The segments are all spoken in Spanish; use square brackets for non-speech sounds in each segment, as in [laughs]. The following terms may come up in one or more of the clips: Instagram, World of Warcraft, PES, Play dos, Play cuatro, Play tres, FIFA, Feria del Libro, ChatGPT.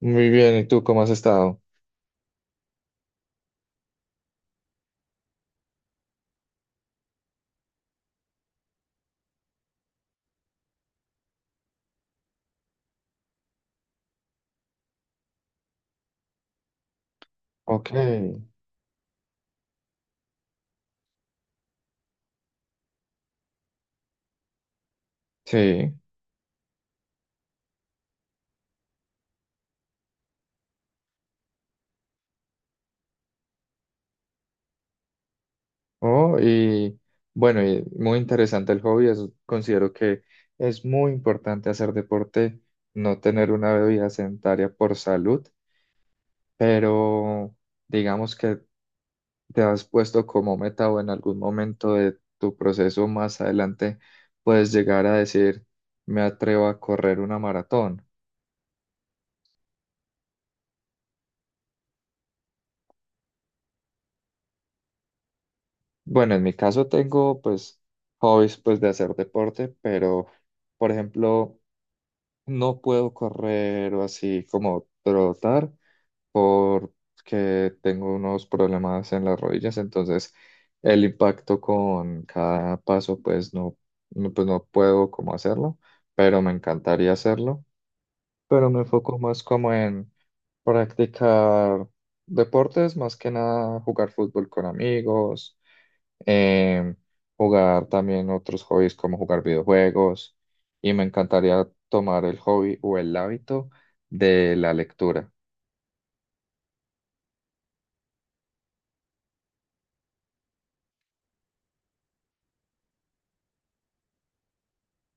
Muy bien, ¿y tú cómo has estado? Ok, sí. Oh, y bueno, y muy interesante el hobby. Considero que es muy importante hacer deporte, no tener una bebida sedentaria por salud, pero digamos que te has puesto como meta o en algún momento de tu proceso más adelante puedes llegar a decir, me atrevo a correr una maratón. Bueno, en mi caso tengo pues hobbies pues de hacer deporte, pero por ejemplo no puedo correr o así como trotar porque tengo unos problemas en las rodillas, entonces el impacto con cada paso pues no, no, pues no puedo como hacerlo, pero me encantaría hacerlo, pero me enfoco más como en practicar deportes, más que nada jugar fútbol con amigos em, jugar también otros hobbies como jugar videojuegos y me encantaría tomar el hobby o el hábito de la lectura,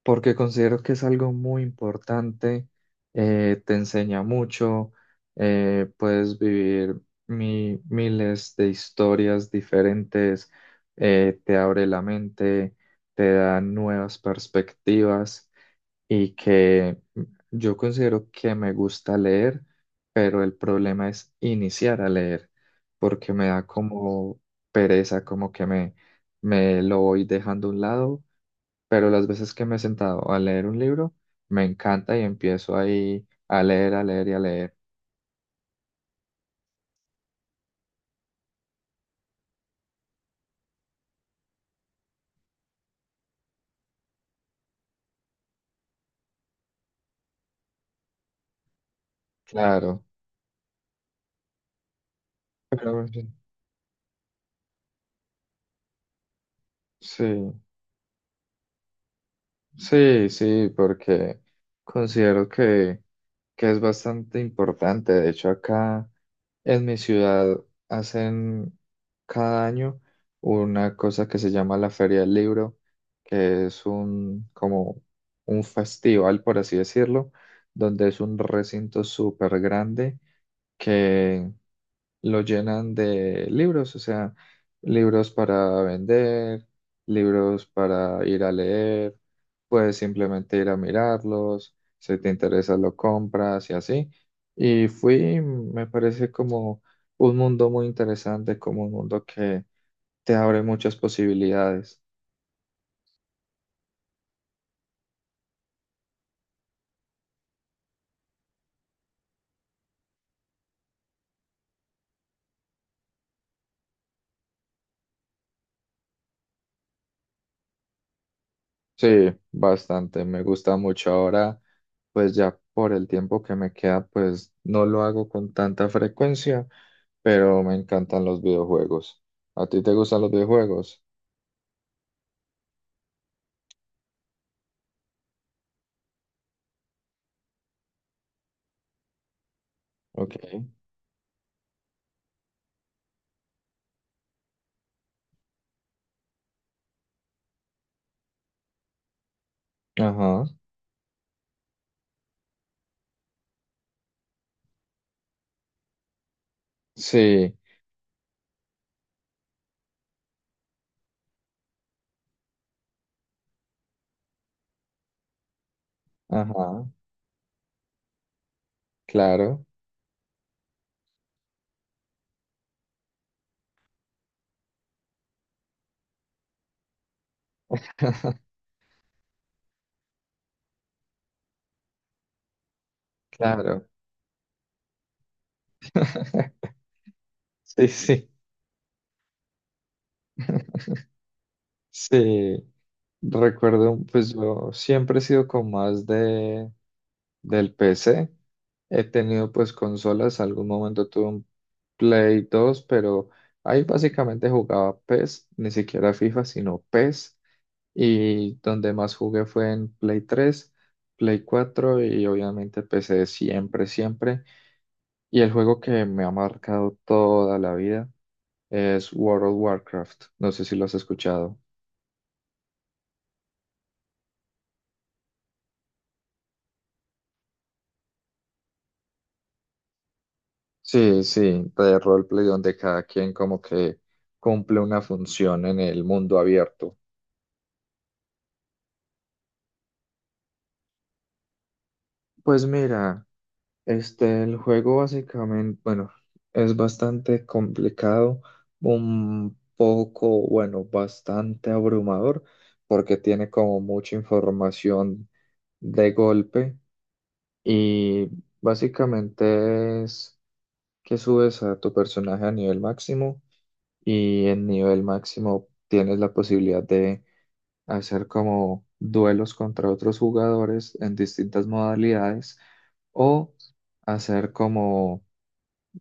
porque considero que es algo muy importante, te enseña mucho, puedes vivir miles de historias diferentes, te abre la mente, te da nuevas perspectivas. Y que yo considero que me gusta leer, pero el problema es iniciar a leer, porque me da como pereza, como que me lo voy dejando a un lado, pero las veces que me he sentado a leer un libro, me encanta y empiezo ahí a leer y a leer. Claro, pero en fin, sí, sí, sí, porque considero que es bastante importante. De hecho, acá en mi ciudad hacen cada año una cosa que se llama la Feria del Libro, que es un como un festival, por así decirlo, donde es un recinto súper grande que lo llenan de libros, o sea, libros para vender, libros para ir a leer, puedes simplemente ir a mirarlos, si te interesa lo compras y así. Y fui, me parece como un mundo muy interesante, como un mundo que te abre muchas posibilidades. Sí, bastante, me gusta mucho ahora, pues ya por el tiempo que me queda, pues no lo hago con tanta frecuencia pero me encantan los videojuegos. ¿A ti te gustan los videojuegos? Ok. Ajá. Sí. Ajá. Claro. [laughs] Claro. [laughs] Sí, sí. Sí. Recuerdo, pues yo siempre he sido con más de del PC. He tenido pues consolas, algún momento tuve un Play 2, pero ahí básicamente jugaba PES, ni siquiera FIFA, sino PES. Y donde más jugué fue en Play 3 Play 4 y obviamente PC siempre, siempre. Y el juego que me ha marcado toda la vida es World of Warcraft. No sé si lo has escuchado. Sí, sí, de roleplay donde cada quien como que cumple una función en el mundo abierto. Pues mira, este, el juego básicamente, bueno, es bastante complicado, un poco, bueno, bastante abrumador, porque tiene como mucha información de golpe y básicamente es que subes a tu personaje a nivel máximo y en nivel máximo tienes la posibilidad de hacer como duelos contra otros jugadores en distintas modalidades o hacer como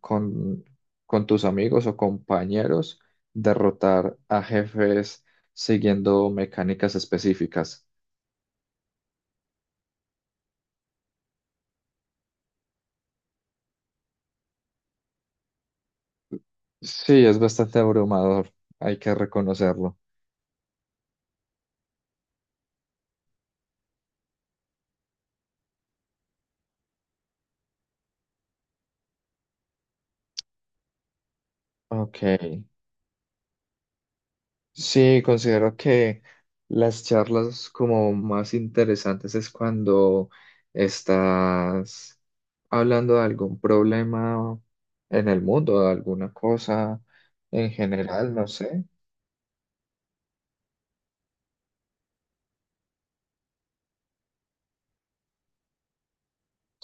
con, con tus amigos o compañeros derrotar a jefes siguiendo mecánicas específicas. Sí, es bastante abrumador, hay que reconocerlo. Ok, sí, considero que las charlas como más interesantes es cuando estás hablando de algún problema en el mundo, de alguna cosa en general, no sé.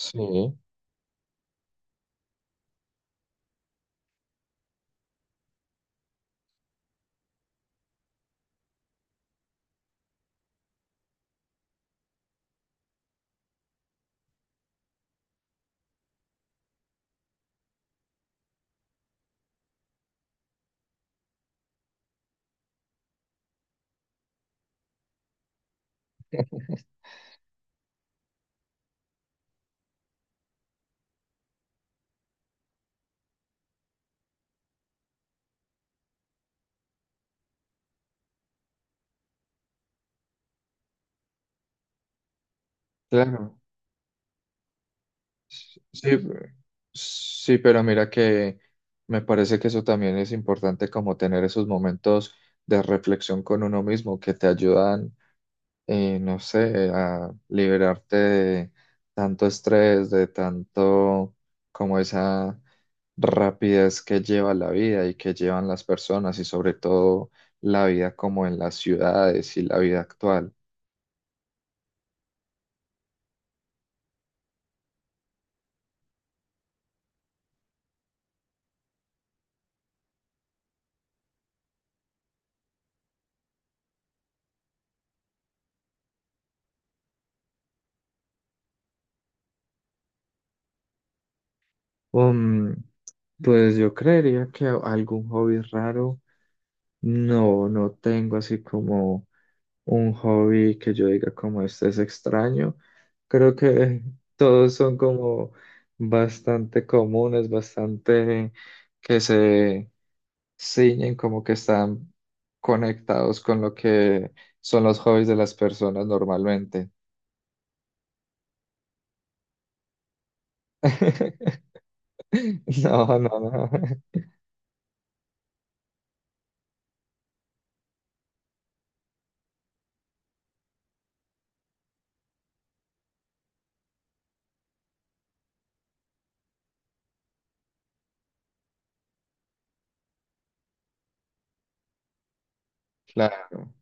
Sí, claro. Sí, pe- sí, pero mira que me parece que eso también es importante como tener esos momentos de reflexión con uno mismo que te ayudan, no sé, a liberarte de tanto estrés, de tanto como esa rapidez que lleva la vida y que llevan las personas y sobre todo la vida como en las ciudades y la vida actual. Um, pues yo creería que algún hobby raro. No, no tengo así como un hobby que yo diga como este es extraño. Creo que [laughs] todos son como bastante comunes, bastante que se ciñen, como que están conectados con lo que son los hobbies de las personas normalmente. [laughs] No, no, no. [laughs] Claro.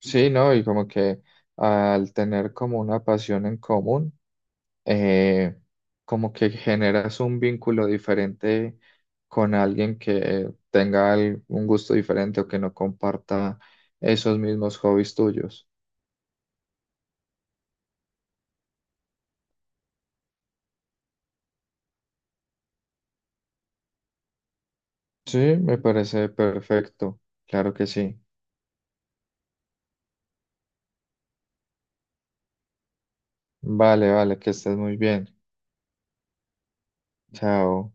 Sí, no, y como que al tener como una pasión en común eh, como que generas un vínculo diferente con alguien que tenga un gusto diferente o que no comparta esos mismos hobbies tuyos. Sí, me parece perfecto. Claro que sí. Vale, vale, que estés muy bien. Chao.